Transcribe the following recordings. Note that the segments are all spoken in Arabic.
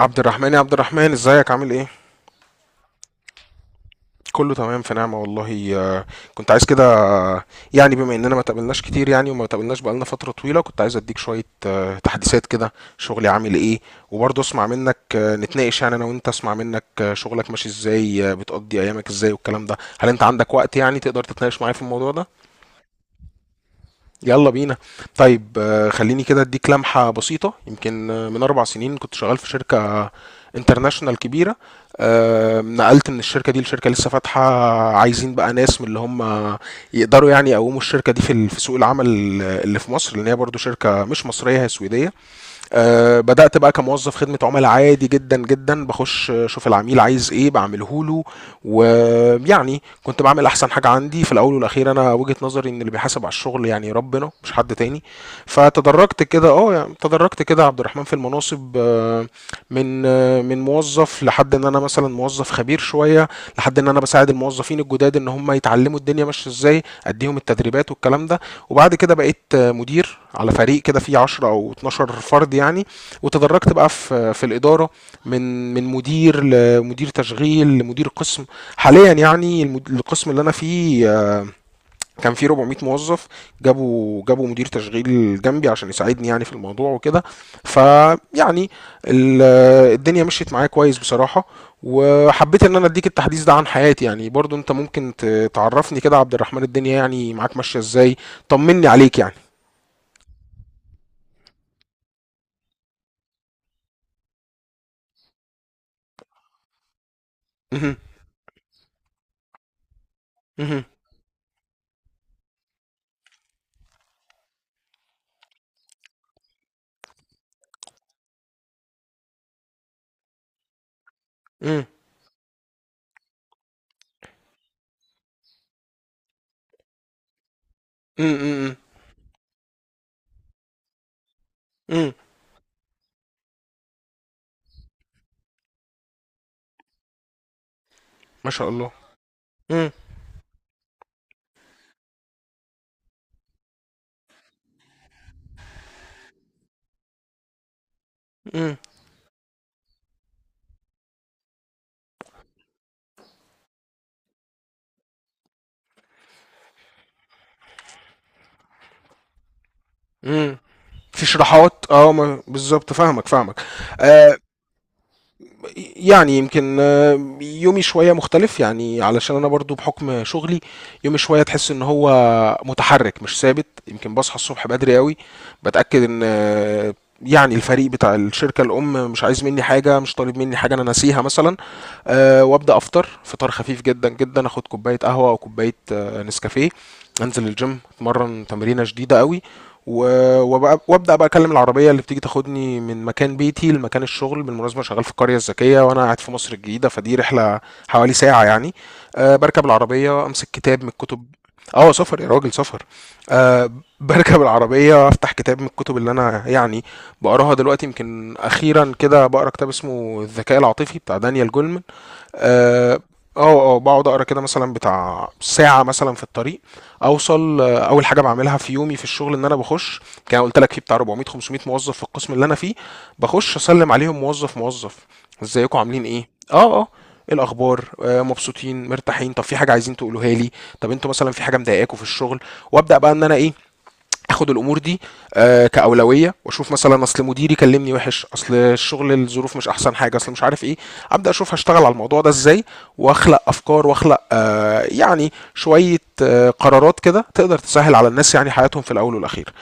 عبد الرحمن، يا عبد الرحمن، ازيك؟ عامل ايه؟ كله تمام، في نعمة والله. كنت عايز كده. يعني بما اننا ما تقابلناش كتير، يعني وما تقابلناش بقالنا فترة طويلة، كنت عايز اديك شوية تحديثات كده. شغلي عامل ايه؟ وبرضه اسمع منك. نتناقش يعني انا وانت، اسمع منك شغلك ماشي ازاي، بتقضي ايامك ازاي، والكلام ده. هل انت عندك وقت يعني تقدر تتناقش معايا في الموضوع ده؟ يلا بينا. طيب، خليني كده اديك لمحة بسيطة. يمكن من 4 سنين كنت شغال في شركة انترناشونال كبيره. نقلت من الشركه دي لشركه لسه فاتحه، عايزين بقى ناس من اللي هم يقدروا يعني يقوموا الشركه دي في في سوق العمل اللي في مصر، لان هي برضو شركه مش مصريه، هي سويديه. بدأت بقى كموظف خدمة عملاء عادي جدا جدا. بخش اشوف العميل عايز ايه بعمله له، ويعني كنت بعمل احسن حاجة عندي. في الاول والاخير انا وجهة نظري ان اللي بيحاسب على الشغل يعني ربنا، مش حد تاني. فتدرجت كده، اه يعني تدرجت كده يا عبد الرحمن في المناصب. من من موظف لحد ان انا مثلا موظف خبير شوية، لحد ان انا بساعد الموظفين الجداد ان هم يتعلموا الدنيا ماشية ازاي، اديهم التدريبات والكلام ده. وبعد كده بقيت مدير على فريق كده فيه 10 او 12 فرد يعني، وتدرجت بقى في الاداره. من مدير لمدير تشغيل لمدير قسم. حاليا يعني، القسم اللي انا فيه كان فيه 400 موظف. جابوا مدير تشغيل جنبي عشان يساعدني يعني في الموضوع وكده. فيعني ال- الدنيا مشيت معايا كويس بصراحه. وحبيت ان انا اديك التحديث ده عن حياتي. يعني برضو انت ممكن تعرفني كده، عبد الرحمن، الدنيا يعني معاك ماشيه ازاي؟ طمني عليك يعني. مهم. مهم. مم. مم. مم. مم. ما شاء الله. مم. مم. مم. في شروحات، اه بالظبط. فاهمك فاهمك. آه، يعني يمكن يومي شوية مختلف يعني، علشان أنا برضو بحكم شغلي يومي شوية تحس إن هو متحرك مش ثابت. يمكن بصحى الصبح بدري قوي، بتأكد إن يعني الفريق بتاع الشركة الأم مش عايز مني حاجة، مش طالب مني حاجة أنا ناسيها مثلا. أه، وأبدأ أفطر فطار خفيف جدا جدا، أخد كوباية قهوة أو كوباية نسكافيه. أنزل الجيم أتمرن تمرينة شديدة قوي. و- وبقى- وابدا بقى اكلم العربيه اللي بتيجي تاخدني من مكان بيتي لمكان الشغل. بالمناسبه أنا شغال في القريه الذكيه وانا قاعد في مصر الجديده، فدي رحله حوالي ساعه يعني. أه، بركب العربيه امسك كتاب من الكتب. اه، سفر يا راجل، سفر. أه، بركب العربيه افتح كتاب من الكتب اللي انا يعني بقراها دلوقتي. يمكن اخيرا كده بقرا كتاب اسمه الذكاء العاطفي، بتاع دانيال جولمن. اه. اه. بقعد اقرا كده مثلا بتاع ساعه مثلا في الطريق. اوصل، اول حاجه بعملها في يومي في الشغل ان انا بخش. كان قلت لك في بتاع 400 500 موظف في القسم اللي انا فيه. بخش اسلم عليهم موظف موظف. ازيكم؟ عاملين ايه؟ اه، اه، إيه الاخبار؟ مبسوطين مرتاحين؟ طب في حاجه عايزين تقولوها لي؟ طب انتوا مثلا في حاجه مضايقاكم في الشغل؟ وابدا بقى ان انا ايه، اخد الامور دي كاولويه. واشوف مثلا اصل مديري كلمني وحش، اصل الشغل الظروف مش احسن حاجه، اصل مش عارف ايه. ابدا اشوف هشتغل على الموضوع ده ازاي، واخلق افكار، واخلق يعني شويه قرارات كده تقدر تسهل على الناس يعني حياتهم في الاول والاخير.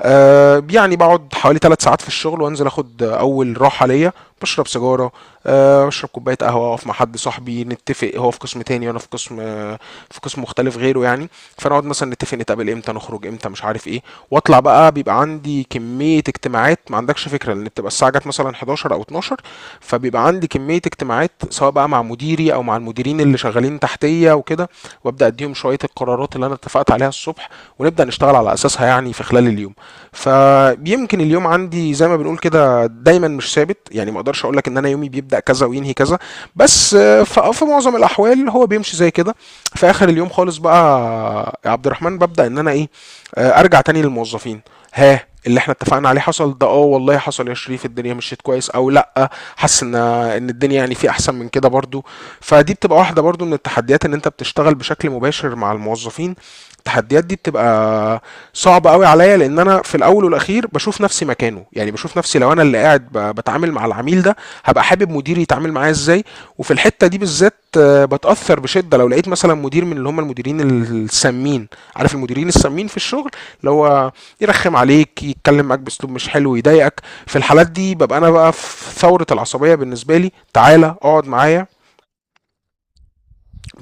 يعني بقعد حوالي 3 ساعات في الشغل وانزل اخد اول راحه ليا. بشرب سيجاره، بشرب كوبايه قهوه، اقف مع حد صاحبي نتفق. هو في قسم تاني وانا في قسم في قسم مختلف غيره يعني. فنقعد مثلا نتفق نتقابل امتى، نخرج امتى، مش عارف ايه. واطلع بقى، بيبقى عندي كميه اجتماعات ما عندكش فكره، لان بتبقى الساعه جت مثلا 11 او 12. فبيبقى عندي كميه اجتماعات، سواء بقى مع مديري او مع المديرين اللي شغالين تحتيه وكده. وابدا اديهم شويه القرارات اللي انا اتفقت عليها الصبح، ونبدا نشتغل على اساسها يعني في خلال اليوم. فيمكن اليوم عندي زي ما بنقول كده دايما مش ثابت. يعني ما اقدرش اقول لك ان انا يومي بيبدأ كذا وينهي كذا، بس في معظم الاحوال هو بيمشي زي كده. في اخر اليوم خالص بقى، يا عبد الرحمن، ببدأ ان انا ايه، ارجع تاني للموظفين. ها، اللي احنا اتفقنا عليه حصل ده؟ اه والله حصل يا شريف، الدنيا مشيت كويس. او لا، حاسس ان ان الدنيا يعني في احسن من كده برضو. فدي بتبقى واحده برضو من التحديات، ان انت بتشتغل بشكل مباشر مع الموظفين. التحديات دي بتبقى صعب قوي عليا، لان انا في الاول والاخير بشوف نفسي مكانه. يعني بشوف نفسي لو انا اللي قاعد بتعامل مع العميل ده، هبقى حابب مديري يتعامل معايا ازاي. وفي الحته دي بالذات بتاثر بشده لو لقيت مثلا مدير من اللي هم المديرين السامين. عارف المديرين السامين في الشغل، اللي هو يرخم عليك، يتكلم معاك باسلوب مش حلو، يضايقك. في الحالات دي ببقى انا بقى في ثوره العصبيه. بالنسبه لي، تعالى اقعد معايا.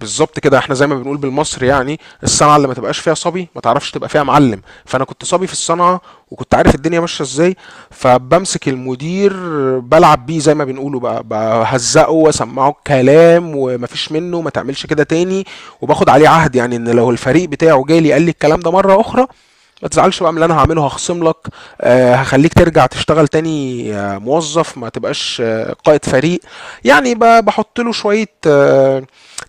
بالظبط كده. احنا زي ما بنقول بالمصري، يعني الصنعه اللي ما تبقاش فيها صبي ما تعرفش تبقى فيها معلم. فانا كنت صبي في الصنعه، وكنت عارف الدنيا ماشيه ازاي. فبمسك المدير بلعب بيه زي ما بنقوله بقى، بهزقه واسمعه الكلام، ومفيش منه، ما تعملش كده تاني. وباخد عليه عهد يعني ان لو الفريق بتاعه جالي قال لي الكلام ده مره اخرى، ما تزعلش بقى من اللي انا هعمله. هخصم لك، هخليك ترجع تشتغل تاني، موظف، ما تبقاش قائد فريق. يعني بحط له شويه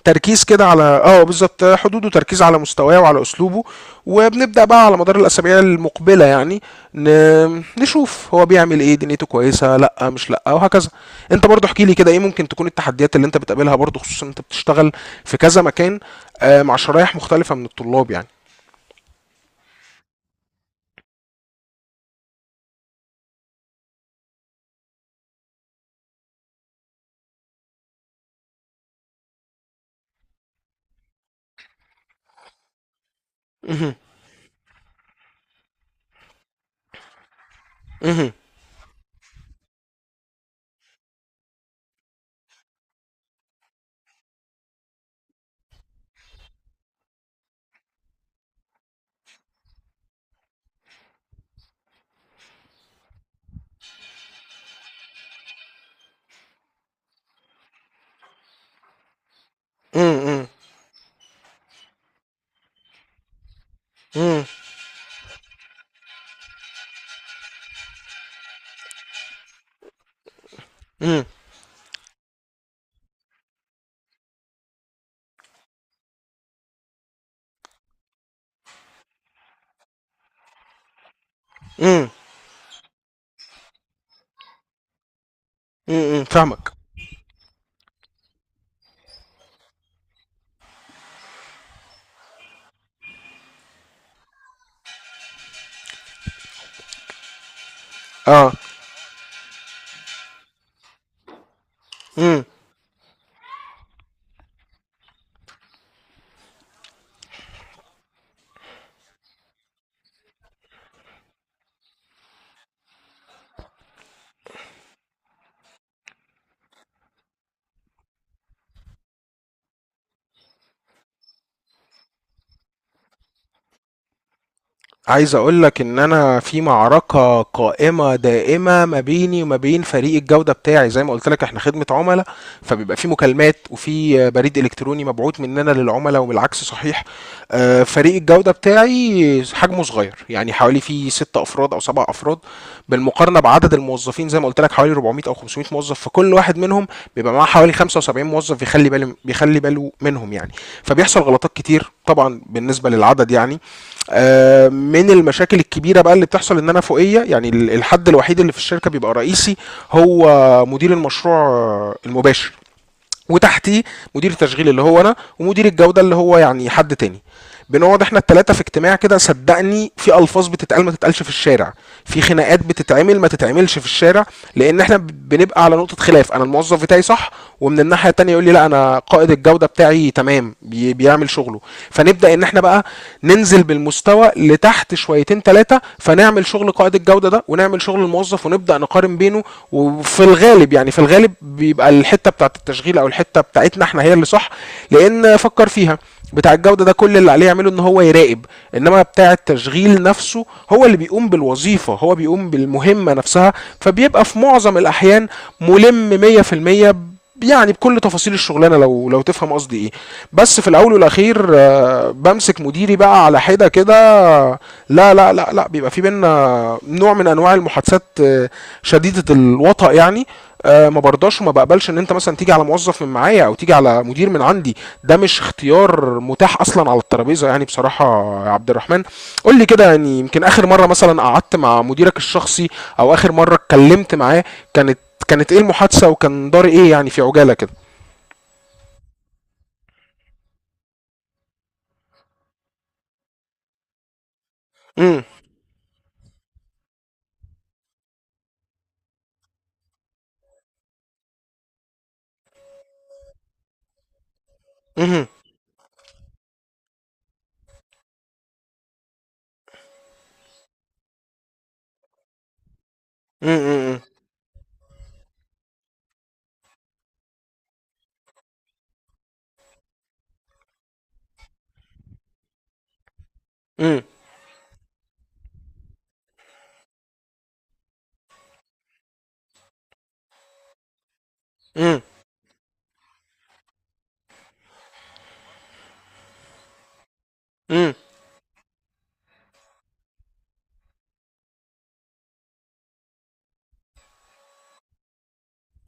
تركيز كده على، اه بالظبط، حدوده. تركيز على مستواه وعلى اسلوبه. وبنبدا بقى على مدار الاسابيع المقبله يعني ن... نشوف هو بيعمل ايه، دنيته كويسه لا، مش لا، وهكذا. انت برضو احكي لي كده ايه ممكن تكون التحديات اللي انت بتقابلها برضو، خصوصا انت بتشتغل في كذا مكان مع شرايح مختلفه من الطلاب يعني. مهم. مهم. مم. مم. مم. مم. مم. مم. فاهمك. اه. مم. عايز اقول لك ان انا في معركة قائمة دائمة ما بيني وما بين فريق الجودة بتاعي. زي ما قلت لك احنا خدمة عملاء، فبيبقى في مكالمات وفي بريد الكتروني مبعوث مننا للعملاء والعكس صحيح. فريق الجودة بتاعي حجمه صغير، يعني حوالي في 6 افراد او 7 افراد، بالمقارنة بعدد الموظفين، زي ما قلت لك حوالي 400 او 500 موظف. فكل واحد منهم بيبقى معاه حوالي 75 موظف، بيخلي باله منهم يعني، فبيحصل غلطات كتير طبعا بالنسبة للعدد يعني. من المشاكل الكبيره بقى اللي بتحصل، ان انا فوقيه يعني الحد الوحيد اللي في الشركه بيبقى رئيسي، هو مدير المشروع المباشر. وتحتيه مدير التشغيل اللي هو انا، ومدير الجوده اللي هو يعني حد تاني. بنقعد احنا التلاتة في اجتماع كده، صدقني في الفاظ بتتقال ما تتقالش في الشارع، في خناقات بتتعمل ما تتعملش في الشارع. لان احنا بنبقى على نقطة خلاف، انا الموظف بتاعي صح، ومن الناحية التانية يقول لي لا، انا قائد الجودة بتاعي تمام بيعمل شغله. فنبدأ ان احنا بقى ننزل بالمستوى لتحت شويتين تلاتة، فنعمل شغل قائد الجودة ده، ونعمل شغل الموظف، ونبدأ نقارن بينه. وفي الغالب، يعني في الغالب، بيبقى الحتة بتاعت التشغيل او الحتة بتاعتنا احنا هي اللي صح. لان فكر فيها، بتاع الجوده ده كل اللي عليه يعمله ان هو يراقب، انما بتاع التشغيل نفسه هو اللي بيقوم بالوظيفه، هو بيقوم بالمهمه نفسها. فبيبقى في معظم الاحيان ملم 100% يعني، بكل تفاصيل الشغلانه، لو تفهم قصدي ايه. بس في الاول والاخير بمسك مديري بقى على حده كده. لا لا لا لا، بيبقى في بينا نوع من انواع المحادثات شديده الوطأ يعني. ما برضاش وما بقبلش ان انت مثلا تيجي على موظف من معايا، او تيجي على مدير من عندي. ده مش اختيار متاح اصلا على الترابيزه يعني بصراحه. يا عبد الرحمن، قول لي كده، يعني يمكن اخر مره مثلا قعدت مع مديرك الشخصي، او اخر مره اتكلمت معاه، كانت كانت ايه المحادثه وكان دار ايه يعني في عجاله كده. امم. امم. امم. امم. امم. امم.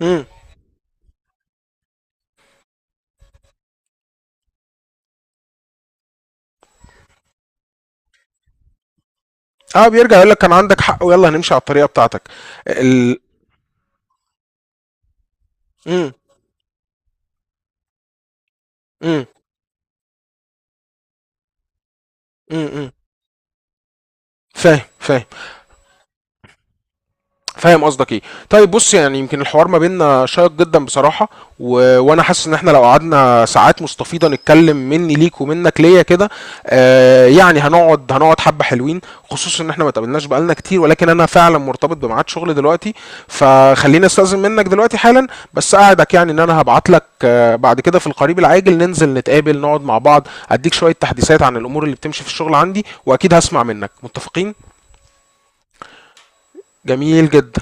امم. اه، بيرجع يقول لك كان عندك حق ويلا هنمشي على الطريقه بتاعتك. ال امم. امم. امم. فاهم فاهم. فاهم قصدك ايه. طيب، بص، يعني يمكن الحوار ما بيننا شيق جدا بصراحه، و... وانا حاسس ان احنا لو قعدنا ساعات مستفيضه نتكلم مني ليك ومنك ليا كده، آه، يعني هنقعد حبه حلوين. خصوصا ان احنا ما اتقابلناش بقالنا كتير، ولكن انا فعلا مرتبط بميعاد شغل دلوقتي، فخليني استاذن منك دلوقتي حالا. بس اقعدك يعني ان انا هبعت لك بعد كده في القريب العاجل، ننزل نتقابل نقعد مع بعض، اديك شويه تحديثات عن الامور اللي بتمشي في الشغل عندي، واكيد هسمع منك. متفقين. جميل جدا.